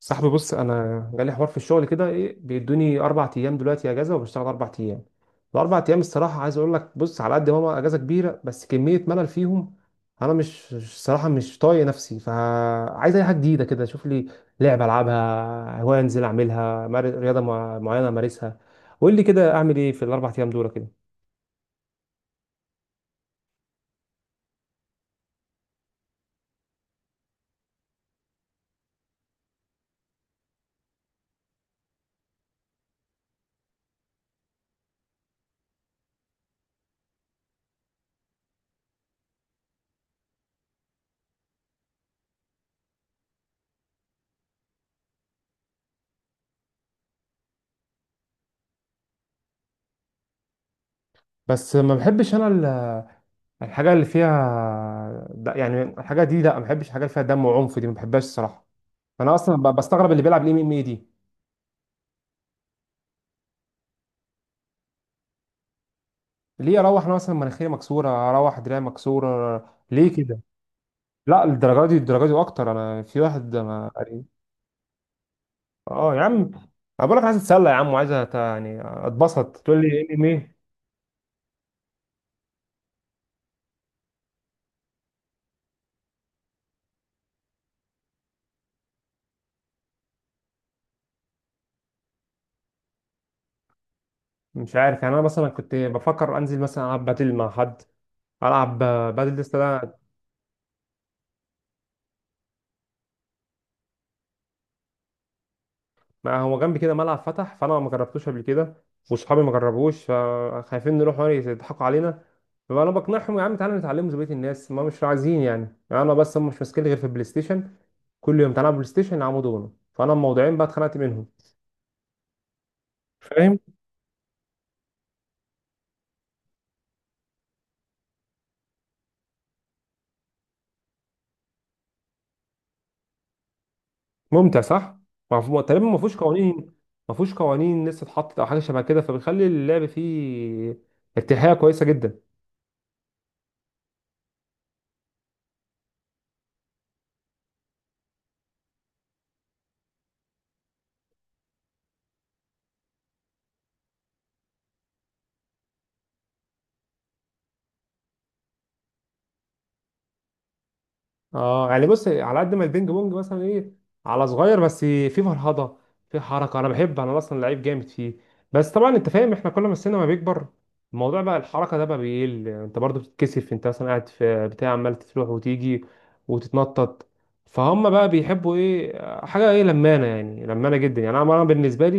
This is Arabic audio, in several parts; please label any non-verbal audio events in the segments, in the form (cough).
صاحبي، بص، انا جالي حوار في الشغل كده. ايه، بيدوني اربع ايام دلوقتي اجازه وبشتغل اربع ايام. الاربع ايام الصراحه عايز اقول لك: بص، على قد ما هو اجازه كبيره، بس كميه ملل فيهم. انا مش الصراحه مش طايق نفسي، فعايز اي حاجه جديده كده اشوف لي، لعبه العبها هوايه، انزل اعملها، رياضه معينه امارسها. قول لي كده، اعمل ايه في الاربع ايام دول كده؟ بس ما بحبش الحاجه اللي فيها يعني الحاجه دي، لا، ما بحبش الحاجه اللي فيها دم وعنف دي، ما بحبهاش الصراحه. انا اصلا بستغرب اللي بيلعب الام ام اي دي، ليه اروح انا مثلا مناخيري مكسوره، اروح دراعي مكسوره؟ ليه كده؟ لا الدرجه دي، الدرجه دي واكتر، انا في واحد ما. اه يا عم، انا بقول لك عايز اتسلى يا عم، وعايز يعني اتبسط، تقول لي ام ام اي؟ مش عارف، يعني انا مثلا كنت بفكر انزل مثلا العب باتل مع حد، العب باتل لسه ده. ما هو جنبي كده ملعب فتح، فانا ما جربتوش قبل كده، وصحابي ما جربوش، فخايفين نروح هناك يضحكوا علينا، فانا بقنعهم: يا عم تعالى نتعلمه زي بقيه الناس، ما مش عايزين يعني، يعني انا بس هم مش ماسكين غير في البلاي ستيشن، كل يوم تعالى بلاي ستيشن يلعبوا دومينو، فانا الموضوعين بقى اتخنقت منهم. فاهم؟ ممتع صح. ما هو- تقريبا ما فيهوش قوانين، ما فيهوش قوانين لسه اتحطت او حاجه شبه كده، فبيخلي اللعب فيه ارتياحيه كويسه جدا. اه، يعني بص، على قد ما البينج بونج مثلا ايه، على صغير، بس في فرهضه، في حركه، انا بحب، انا اصلا لعيب جامد فيه، بس طبعا انت فاهم، احنا كل ما السن ما بيكبر، الموضوع بقى الحركه ده بقى بيقل، انت برضو بتتكسف، انت مثلا قاعد في بتاع عمال تروح وتيجي وتتنطط، فهم بقى بيحبوا ايه، حاجه ايه، لمانه، يعني لمانه جدا. يعني انا بالنسبه لي،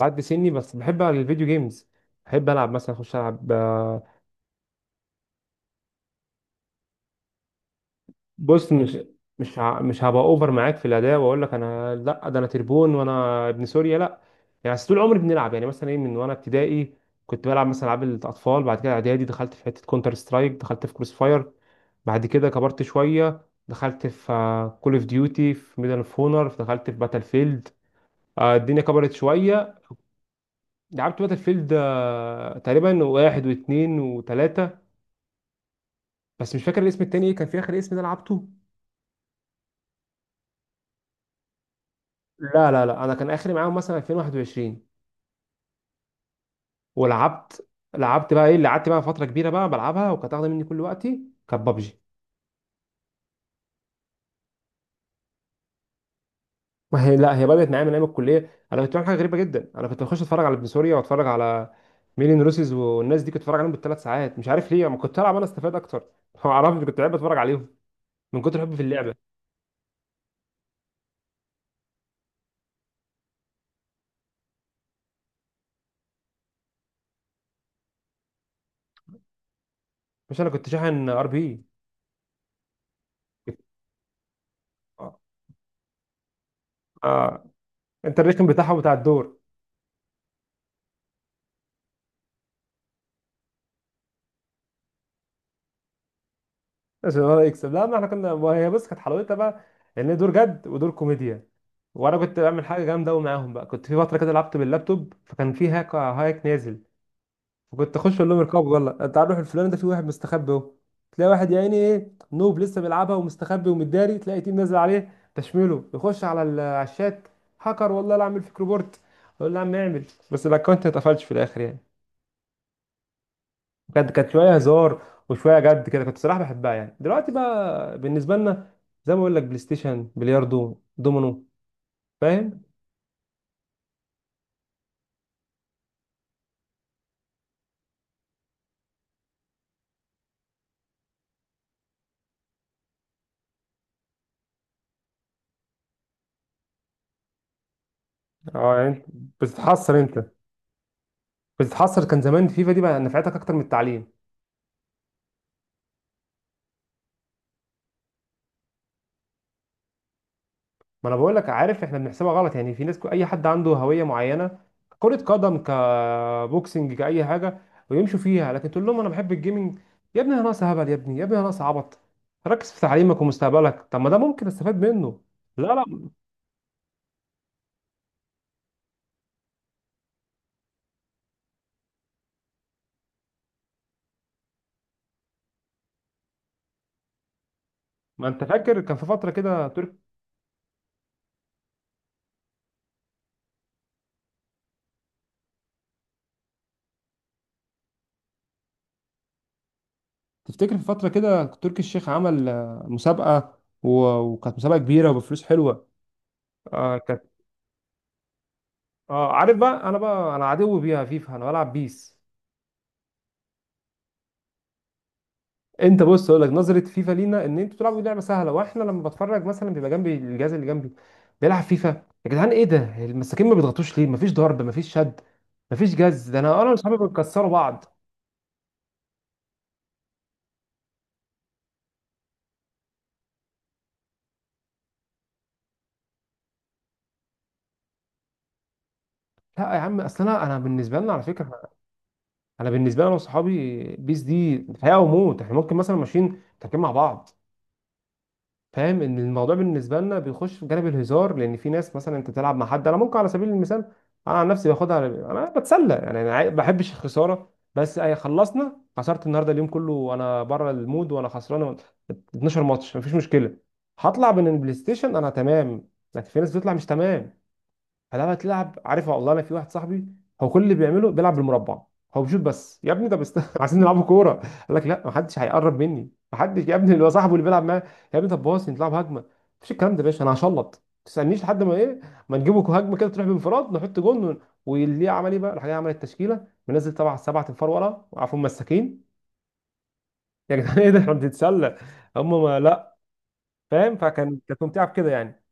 على قد سني بس بحب العب الفيديو جيمز، بحب العب مثلا اخش العب. بص مش، هبقى اوفر معاك في الاداء واقول لك انا لا، ده انا تربون وانا ابن سوريا، لا. يعني بس طول عمري بنلعب، يعني مثلا ايه، من وانا ابتدائي كنت بلعب مثلا العاب الاطفال، بعد كده اعدادي دخلت في حته كونتر سترايك، دخلت في كروس فاير، بعد كده كبرت شويه، دخلت في كول اوف ديوتي، في ميدل اوف اونر، دخلت في باتل فيلد. الدنيا كبرت شويه. لعبت باتل فيلد، تقريبا واحد واثنين وثلاثه، بس مش فاكر الاسم التاني ايه كان، في اخر اسم ده لعبته. لا لا لا، انا كان اخري معاهم مثلا 2021. ولعبت لعبت بقى ايه اللي قعدت بقى فتره كبيره بقى بلعبها وكانت واخده مني كل وقتي، كانت بابجي. ما هي لا، هي بدات معايا من ايام الكليه. انا كنت بعمل حاجه غريبه جدا، انا كنت بخش اتفرج على ابن سوريا، واتفرج على ميلين روسيز والناس دي، كنت اتفرج عليهم بالثلاث ساعات، مش عارف ليه، ما كنت العب انا استفاد اكتر؟ (laughs) ما اعرفش، كنت بحب اتفرج عليهم من كتر حبي في اللعبه. مش، انا كنت شاحن ار بي. اه. آه، انت الريتم بتاعها بتاع الدور. عشان هو يكسب؟ لا، ما احنا كنا، وهي بص كانت حلاوتها بقى ان هي دور جد ودور كوميديا. وانا كنت بعمل حاجه جامده قوي معاهم بقى، كنت في فتره كده لعبت باللابتوب، فكان في هاك، هاك نازل، فكنت اخش اقول لهم: اركبوا يلا، تعالوا نروح الفلان ده، في واحد مستخبي اهو. تلاقي واحد يا عيني ايه، نوب لسه بيلعبها ومستخبي ومداري، تلاقي تيم نازل عليه تشميله، يخش على على الشات: هاكر، والله لا اعمل فيك ريبورت. اقول له: يا عم اعمل. بس الاكونت ما اتقفلش في الاخر يعني. كانت شويه هزار وشويه جد، كده كنت صراحه بحبها. يعني دلوقتي بقى بالنسبه لنا، زي ما بقول لك، بلاي ستيشن، بلياردو، دومينو. فاهم؟ اه، يعني انت بتتحسر، انت بتتحسر، كان زمان فيفا دي بقى نفعتك اكتر من التعليم. ما انا بقول لك، عارف احنا بنحسبها غلط، يعني في ناس، اي حد عنده هويه معينه، كرة قدم، كبوكسنج، كأي حاجة، ويمشوا فيها، لكن تقول لهم أنا بحب الجيمنج، يا ابني أنا ناقص هبل، يا ابني، يا ابني أنا ناقص عبط، ركز في تعليمك ومستقبلك، طب ما ده ممكن استفاد منه. لا لا، ما انت فاكر كان في فتره كده ترك، تفتكر في فتره كده تركي الشيخ عمل، مسابقه وكانت مسابقه كبيره وبفلوس حلوه. آه كانت. اه عارف بقى، انا بقى انا عدو بيها فيفا، انا بلعب بيس. انت بص اقول لك، نظره فيفا لينا ان انتوا بتلعبوا لعبه سهله، واحنا لما بتفرج مثلا، بيبقى جنبي الجهاز اللي جنبي بيلعب فيفا: يا جدعان ايه ده، المساكين ما بيضغطوش ليه، مفيش ضرب، مفيش شد، مفيش جز. ده انا، انا واصحابي بنكسروا بعض. لا يا عم، اصل انا، انا بالنسبه لنا على فكره، انا بالنسبه لي انا وصحابي، بيس دي حياه وموت، احنا ممكن مثلا ماشيين تركب مع بعض، فاهم، ان الموضوع بالنسبه لنا بيخش في جانب الهزار، لان في ناس مثلا انت تلعب مع حد، انا ممكن على سبيل المثال، انا عن نفسي باخدها انا بتسلى، يعني انا ما بحبش الخساره، بس اي خلصنا، خسرت النهارده اليوم كله وانا بره المود، وانا خسران 12 ماتش، مفيش مشكله، هطلع من البلاي ستيشن انا تمام، لكن في ناس بتطلع مش تمام. فلما تلعب عارفها، والله انا في واحد صاحبي، هو كل اللي بيعمله بيلعب بالمربع، هو بيشوط بس، يا ابني ده (laughs) عايزين نلعبوا كوره، قال لك لا، محدش هيقرب مني محدش، يا ابني اللي هو صاحبه اللي بيلعب معاه، يا ابني طب باص نلعب هجمه، مفيش الكلام ده يا باشا، انا هشلط، ما تسالنيش لحد ما ايه، ما نجيبه هجمه كده تروح بانفراد نحط جون واللي عمل ايه بقى، راح جاي عمل التشكيله منزل طبعا سبعه انفار ورا، وقعوا مساكين. (laughs) يا جدعان ايه ده، (laughs) احنا بنتسلى هم ما لا. فاهم؟ كانت ممتعه بكده يعني.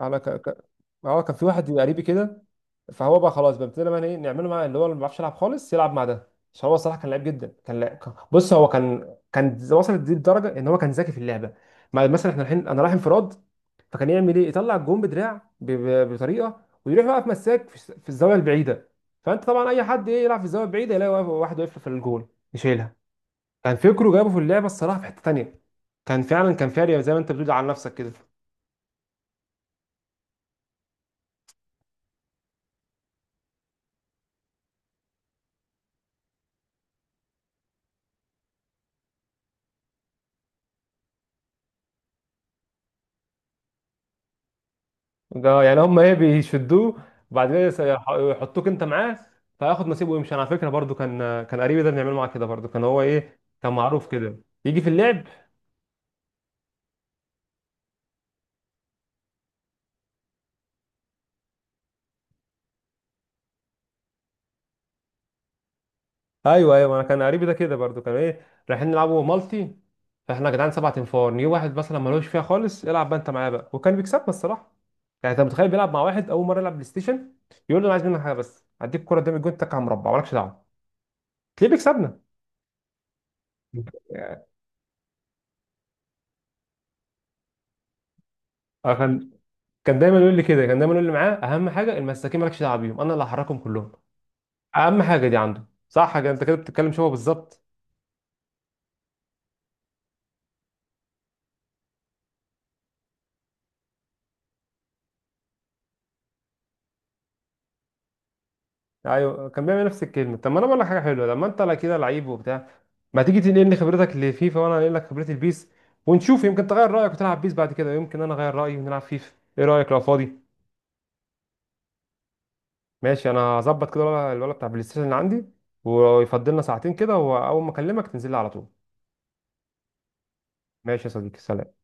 انا ك... ك... اه، كان في واحد قريبي كده، فهو بقى خلاص بقى، ابتدينا بقى ايه نعمله مع اللي هو، اللي ما بيعرفش يلعب خالص يلعب مع ده، عشان هو الصراحه كان لعيب جدا، كان لعب. بص هو كان، وصلت دي لدرجه ان هو كان ذكي في اللعبه. مع مثلا احنا الحين انا رايح انفراد، فكان يعمل ايه، يطلع الجون بدراع بطريقه، ويروح واقف مساك في الزاويه البعيده، فانت طبعا اي حد ايه يلعب في الزاويه البعيده، يلاقي واحد واقف في الجول يشيلها. كان فكره جابه في اللعبه الصراحه في حته تانيه، كان فعلا كان فارق، زي ما انت بتقول على نفسك كده. ده يعني هم ايه بيشدوه، وبعد كده يحطوك انت معاه، فياخد نصيبه ويمشي. انا على فكره برضو كان، قريبي ده بنعمله معاه كده برضو، كان هو ايه، كان معروف كده يجي في اللعب. ايوه ايوه، انا كان قريبي ده كده برضو، كان ايه، رايحين نلعبوا مالتي، فاحنا يا جدعان سبع تنفار، نجيب واحد مثلا ملوش فيها خالص يلعب بقى انت معاه بقى، وكان بيكسبنا الصراحه. يعني انت متخيل، بيلعب مع واحد اول مره يلعب بلاي ستيشن، يقول له: انا عايز منك حاجه بس، هديك الكوره قدام الجون، تك على مربع مالكش دعوه، تلاقيه بيكسبنا. (laughs) آه، كان كان دايما يقول لي كده، كان دايما يقول لي معاه: اهم حاجه المساكين مالكش دعوه بيهم، انا اللي هحركهم كلهم، اهم حاجه دي عنده. صح كده، انت كده بتتكلم شبه بالظبط. ايوه، كان بيعمل نفس الكلمه. طب ما انا بقول لك حاجه حلوه، لما انت لا كده لعيب وبتاع، ما تيجي تنقلني خبرتك لفيفا، وانا انقل لك خبرتي البيس، ونشوف، يمكن تغير رايك وتلعب بيس بعد كده، يمكن انا اغير رايي ونلعب فيفا. ايه رايك لو فاضي؟ ماشي، انا هظبط كده الولد، بتاع بلاي ستيشن اللي عندي، ويفضلنا ساعتين كده، واول ما اكلمك تنزل لي على طول. ماشي يا صديقي، سلام.